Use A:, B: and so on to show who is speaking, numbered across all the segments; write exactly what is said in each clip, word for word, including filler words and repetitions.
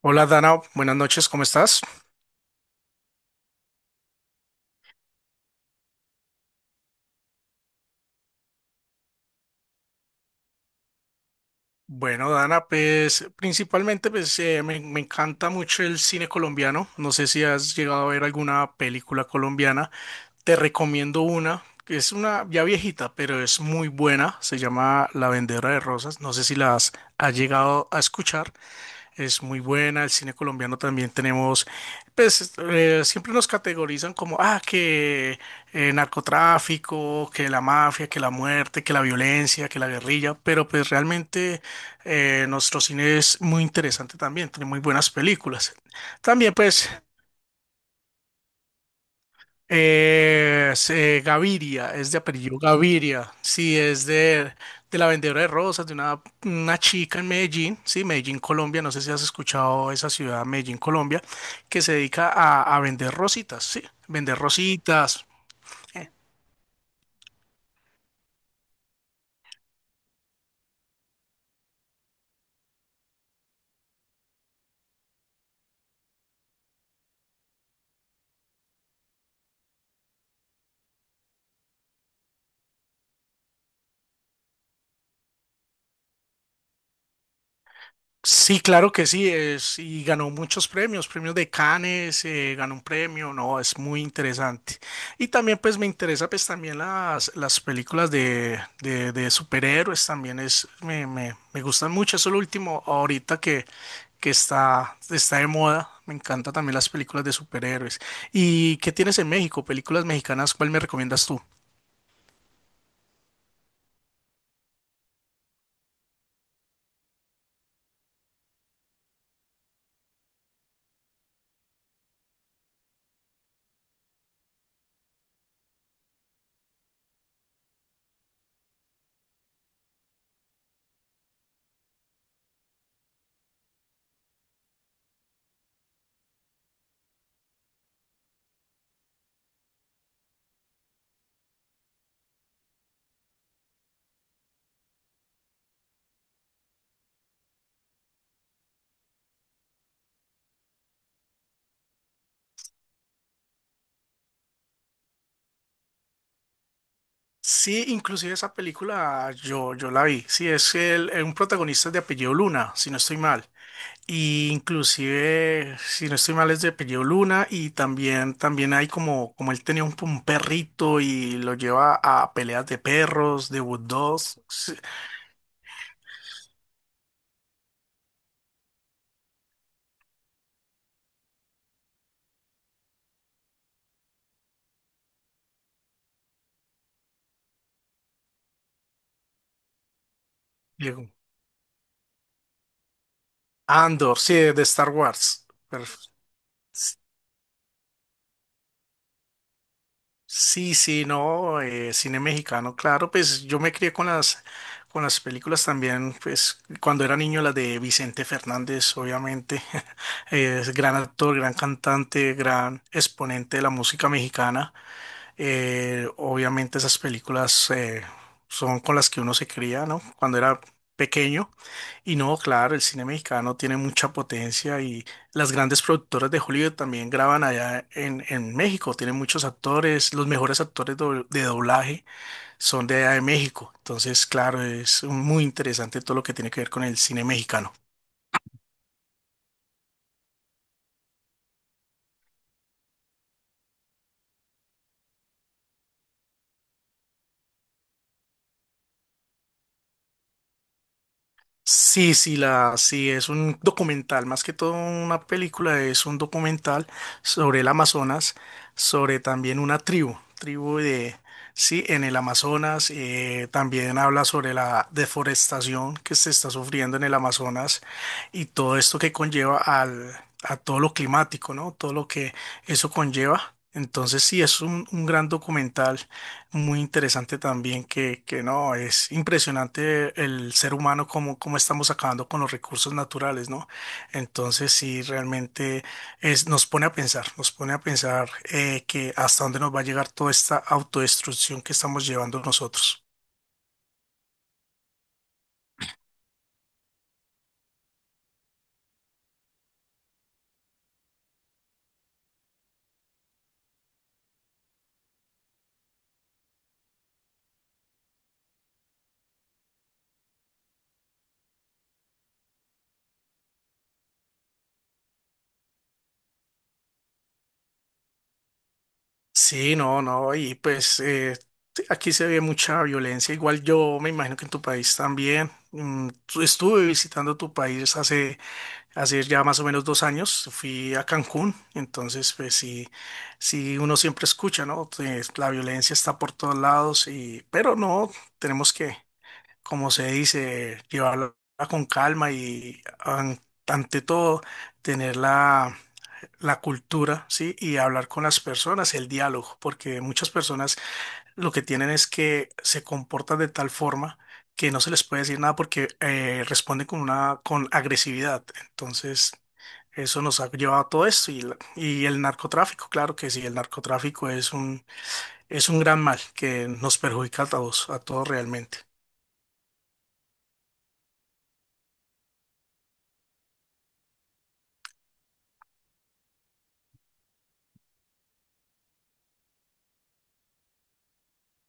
A: Hola Dana, buenas noches, ¿cómo estás? Bueno, Dana, pues principalmente pues, eh, me, me encanta mucho el cine colombiano. No sé si has llegado a ver alguna película colombiana. Te recomiendo una, que es una ya viejita, pero es muy buena. Se llama La Vendedora de Rosas. No sé si las has llegado a escuchar. Es muy buena. El cine colombiano también tenemos, pues eh, siempre nos categorizan como, ah, que eh, narcotráfico, que la mafia, que la muerte, que la violencia, que la guerrilla, pero pues realmente eh, nuestro cine es muy interesante también, tiene muy buenas películas. También pues eh, es, eh, Gaviria, es de apellido Gaviria, sí, es de, de la vendedora de rosas, de una, una chica en Medellín, sí, Medellín, Colombia, no sé si has escuchado esa ciudad, Medellín, Colombia, que se dedica a, a vender rositas, sí, vender rositas. eh, Sí, claro que sí, es, y ganó muchos premios, premios de Cannes, eh, ganó un premio, no, es muy interesante. Y también pues me interesa pues también las, las películas de, de, de superhéroes, también es, me, me, me gustan mucho, eso es lo último ahorita que, que está, está de moda, me encantan también las películas de superhéroes. ¿Y qué tienes en México? Películas mexicanas, ¿cuál me recomiendas tú? Sí, inclusive esa película yo, yo la vi. Sí, es el, eh, un protagonista de apellido Luna, si no estoy mal. Y inclusive, si no estoy mal, es de apellido Luna y también, también hay como, como él tenía un, un perrito y lo lleva a peleas de perros, de Wood Dogs. Sí, Diego. Andor, sí, de de Star Wars. Perfecto. Sí, sí, no, eh, cine mexicano, claro, pues yo me crié con las, con las películas también, pues cuando era niño las de Vicente Fernández, obviamente, es gran actor, gran cantante, gran exponente de la música mexicana. Eh, obviamente esas películas eh, son con las que uno se cría, ¿no? Cuando era pequeño. Y no, claro, el cine mexicano tiene mucha potencia y las grandes productoras de Hollywood también graban allá en, en México. Tienen muchos actores, los mejores actores do- de doblaje son de allá de México. Entonces, claro, es muy interesante todo lo que tiene que ver con el cine mexicano. Sí, sí, la, sí, es un documental, más que todo una película, es un documental sobre el Amazonas, sobre también una tribu, tribu de, sí, en el Amazonas, eh, también habla sobre la deforestación que se está sufriendo en el Amazonas y todo esto que conlleva al, a todo lo climático, ¿no? Todo lo que eso conlleva. Entonces, sí, es un, un gran documental. Muy interesante también que, que no, es impresionante el ser humano como, como estamos acabando con los recursos naturales, ¿no? Entonces sí, realmente es, nos pone a pensar, nos pone a pensar eh, que hasta dónde nos va a llegar toda esta autodestrucción que estamos llevando nosotros. Sí, no, no, y pues eh, sí, aquí se ve mucha violencia. Igual yo me imagino que en tu país también. Mm, tu- estuve visitando tu país hace Hace ya más o menos dos años, fui a Cancún, entonces pues sí, sí uno siempre escucha, ¿no? Pues la violencia está por todos lados y, pero no, tenemos que, como se dice, llevarla con calma y an- ante todo tener la, la cultura, ¿sí? Y hablar con las personas, el diálogo, porque muchas personas lo que tienen es que se comportan de tal forma que no se les puede decir nada porque eh, responden con una con agresividad. Entonces, eso nos ha llevado a todo esto y, la- y el narcotráfico, claro que sí, el narcotráfico es un es un gran mal que nos perjudica a todos, a todos realmente.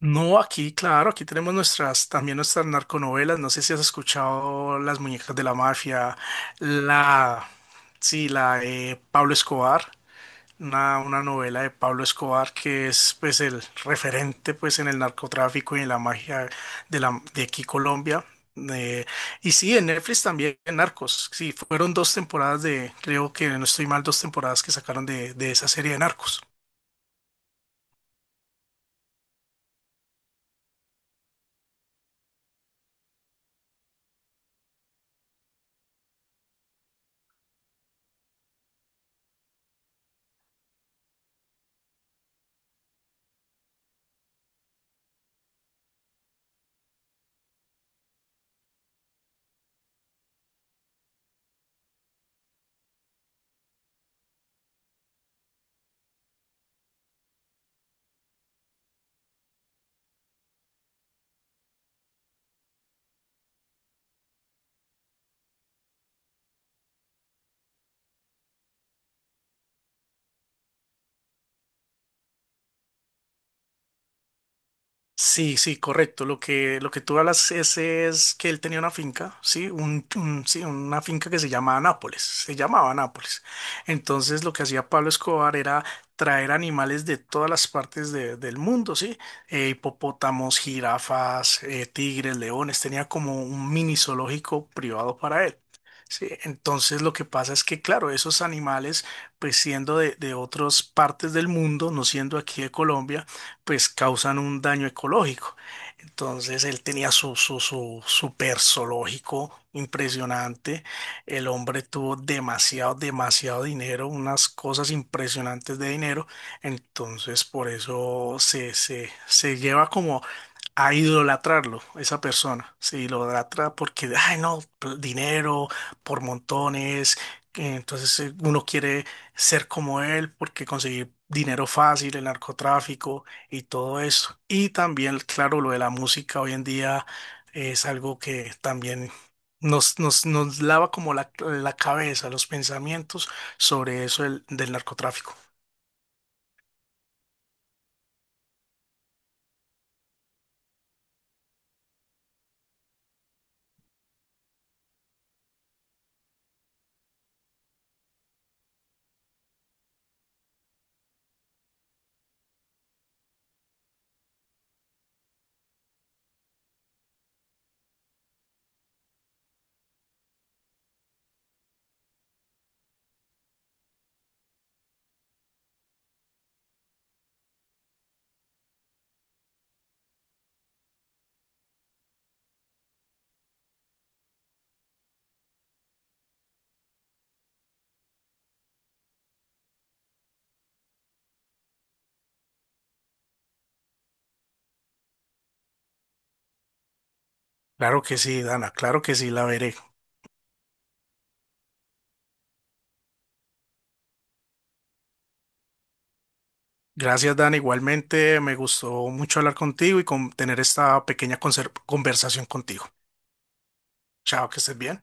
A: No, aquí, claro, aquí tenemos nuestras, también nuestras narconovelas. No sé si has escuchado Las Muñecas de la Mafia, la, sí, la de Pablo Escobar. Una, una novela de Pablo Escobar que es pues el referente pues en el narcotráfico y en la magia de la de aquí Colombia. Eh, y sí, en Netflix también en Narcos. Sí, fueron dos temporadas de, creo que no estoy mal, dos temporadas que sacaron de, de esa serie de Narcos. Sí, sí, correcto. Lo que, lo que tú hablas es, es que él tenía una finca, sí, un, un- sí, una finca que se llamaba Nápoles, se llamaba Nápoles. Entonces lo que hacía Pablo Escobar era traer animales de todas las partes de- del mundo, sí. Eh, hipopótamos, jirafas, eh, tigres, leones, tenía como un mini zoológico privado para él. Sí, entonces lo que pasa es que, claro, esos animales, pues siendo de, de otras partes del mundo, no siendo aquí de Colombia, pues causan un daño ecológico. Entonces él tenía su, su, su super zoológico impresionante. El hombre tuvo demasiado, demasiado dinero, unas cosas impresionantes de dinero. Entonces por eso se, se, se lleva como a idolatrarlo, esa persona. Se idolatra porque, ay, no, pl- dinero por montones. Que Entonces eh, uno quiere ser como él porque conseguir dinero fácil, el narcotráfico y todo eso. Y también, claro, lo de la música hoy en día es algo que también nos, nos, nos lava como la, la cabeza, los pensamientos sobre eso del del narcotráfico. Claro que sí, Dana, claro que sí, la veré. Gracias, Dan. Igualmente, me gustó mucho hablar contigo y con tener esta pequeña conser- conversación contigo. Chao, que estés bien.